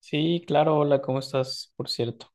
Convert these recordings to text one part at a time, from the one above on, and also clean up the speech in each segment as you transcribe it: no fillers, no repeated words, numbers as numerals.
Sí, claro, hola, ¿cómo estás? Por cierto.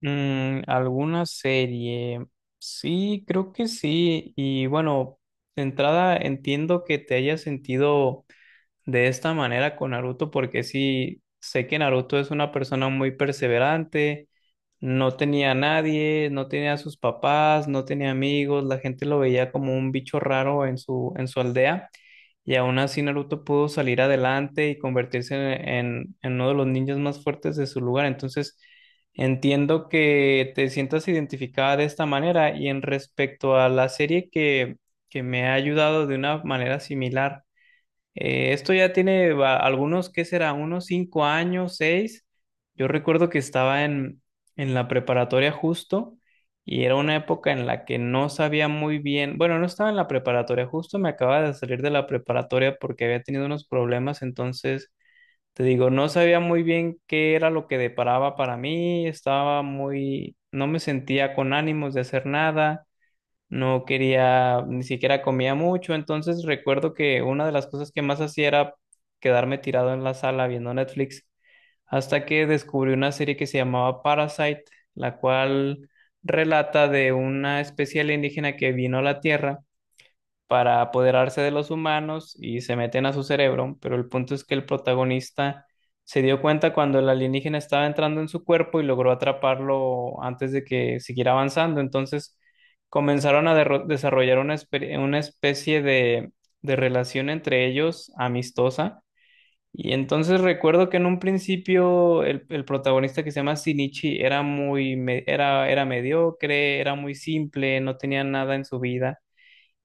Mm, ¿alguna serie? Sí, creo que sí. Y bueno, de entrada entiendo que te hayas sentido de esta manera con Naruto, porque sí, sé que Naruto es una persona muy perseverante, no tenía a nadie, no tenía a sus papás, no tenía amigos, la gente lo veía como un bicho raro en su aldea. Y aún así Naruto pudo salir adelante y convertirse en uno de los ninjas más fuertes de su lugar. Entonces, entiendo que te sientas identificada de esta manera y en respecto a la serie que me ha ayudado de una manera similar. Esto ya tiene algunos, ¿qué será? Unos 5 años, 6. Yo recuerdo que estaba en la preparatoria justo y era una época en la que no sabía muy bien, bueno, no estaba en la preparatoria justo, me acababa de salir de la preparatoria porque había tenido unos problemas, entonces, te digo, no sabía muy bien qué era lo que deparaba para mí, estaba muy, no me sentía con ánimos de hacer nada, no quería, ni siquiera comía mucho. Entonces recuerdo que una de las cosas que más hacía era quedarme tirado en la sala viendo Netflix, hasta que descubrí una serie que se llamaba Parasite, la cual relata de una especie alienígena que vino a la Tierra para apoderarse de los humanos y se meten a su cerebro, pero el punto es que el protagonista se dio cuenta cuando el alienígena estaba entrando en su cuerpo y logró atraparlo antes de que siguiera avanzando. Entonces comenzaron a desarrollar una especie de relación entre ellos amistosa. Y entonces recuerdo que en un principio el protagonista, que se llama Shinichi, era mediocre, era muy simple, no tenía nada en su vida.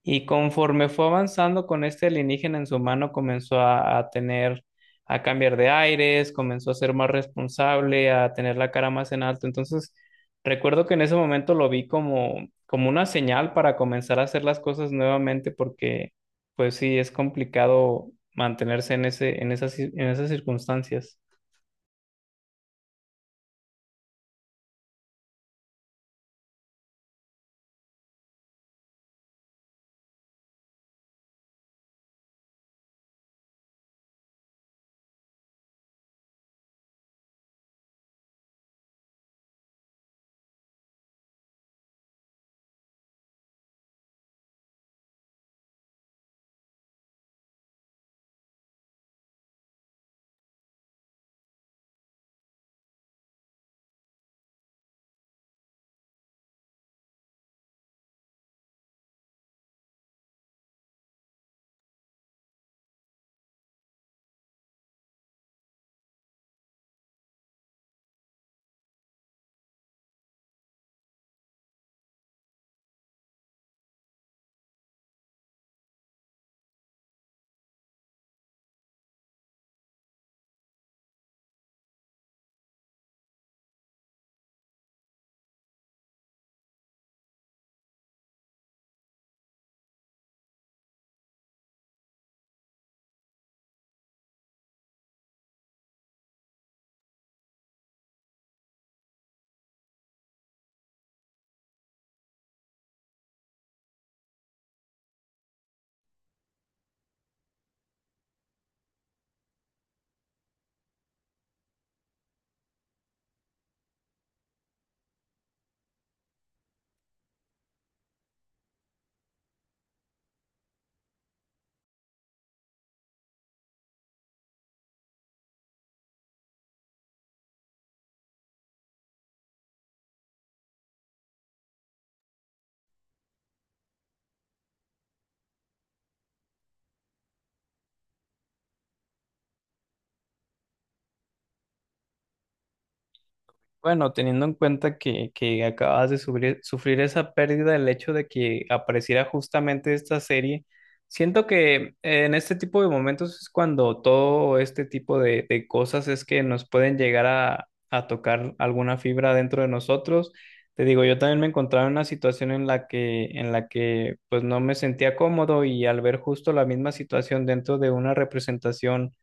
Y conforme fue avanzando con este alienígena en su mano, comenzó a tener, a cambiar de aires, comenzó a ser más responsable, a tener la cara más en alto. Entonces, recuerdo que en ese momento lo vi como, como una señal para comenzar a hacer las cosas nuevamente, porque pues sí, es complicado mantenerse en ese, en esas, ci- en esas circunstancias. Bueno, teniendo en cuenta que acabas de sufrir esa pérdida, el hecho de que apareciera justamente esta serie, siento que en este tipo de momentos es cuando todo este tipo de cosas es que nos pueden llegar a tocar alguna fibra dentro de nosotros. Te digo, yo también me encontraba en una situación en la que pues no me sentía cómodo y al ver justo la misma situación dentro de una representación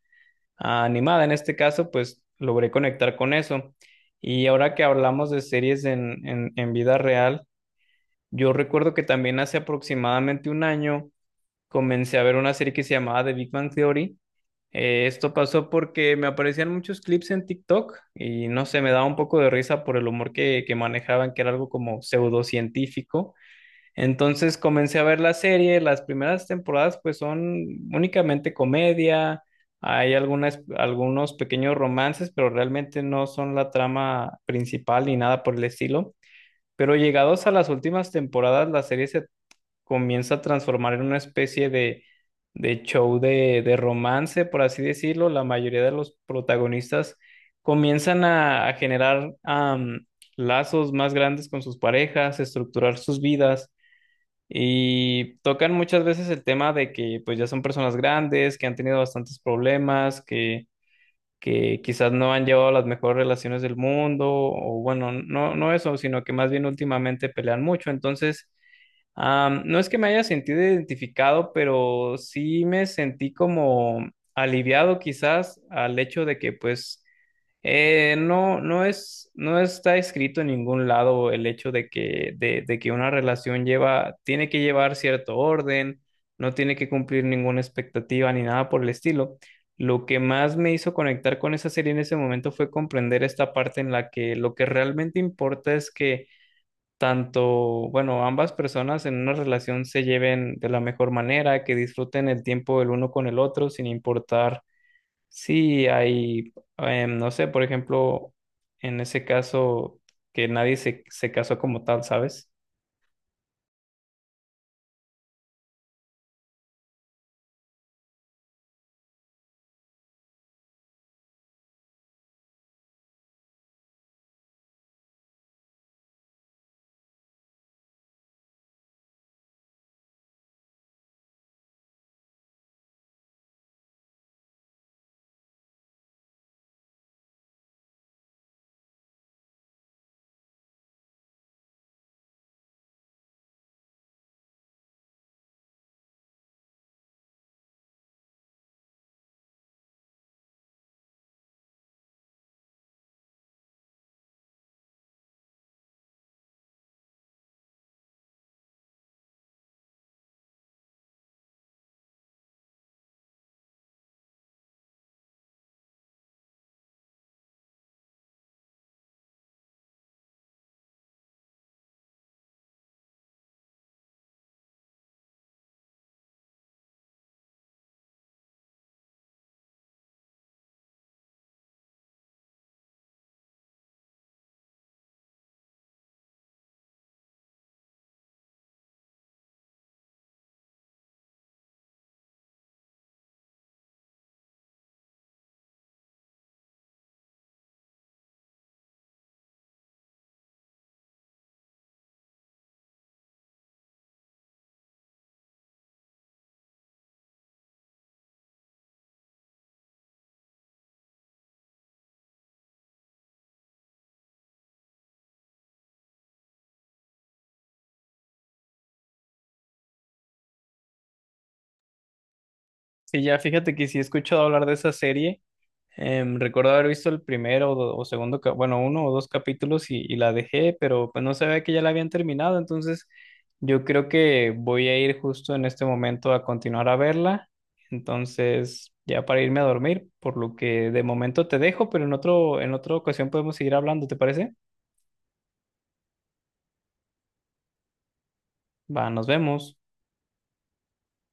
animada. En este caso, pues logré conectar con eso. Y ahora que hablamos de series en vida real, yo recuerdo que también hace aproximadamente un año comencé a ver una serie que se llamaba The Big Bang Theory. Esto pasó porque me aparecían muchos clips en TikTok y no sé, me daba un poco de risa por el humor que manejaban, que era algo como pseudocientífico. Entonces comencé a ver la serie. Las primeras temporadas pues son únicamente comedia, hay algunas, algunos pequeños romances, pero realmente no son la trama principal ni nada por el estilo. Pero llegados a las últimas temporadas, la serie se comienza a transformar en una especie de show de romance, por así decirlo. La mayoría de los protagonistas comienzan a generar lazos más grandes con sus parejas, estructurar sus vidas. Y tocan muchas veces el tema de que pues ya son personas grandes, que han tenido bastantes problemas, que quizás no han llevado las mejores relaciones del mundo, o bueno, no, no eso, sino que más bien últimamente pelean mucho. Entonces, no es que me haya sentido identificado, pero sí me sentí como aliviado quizás al hecho de que pues no, no está escrito en ningún lado el hecho de de que una relación lleva, tiene que llevar cierto orden, no tiene que cumplir ninguna expectativa ni nada por el estilo. Lo que más me hizo conectar con esa serie en ese momento fue comprender esta parte en la que lo que realmente importa es que tanto, bueno, ambas personas en una relación se lleven de la mejor manera, que disfruten el tiempo el uno con el otro sin importar. Sí, hay, no sé, por ejemplo, en ese caso que nadie se casó como tal, ¿sabes? Sí, ya fíjate que sí he escuchado hablar de esa serie. Recuerdo haber visto el primero o, o segundo, bueno, uno o dos capítulos, y la dejé, pero pues no sabía que ya la habían terminado, entonces yo creo que voy a ir justo en este momento a continuar a verla. Entonces, ya para irme a dormir, por lo que de momento te dejo, pero en otra ocasión podemos seguir hablando, ¿te parece? Va, nos vemos.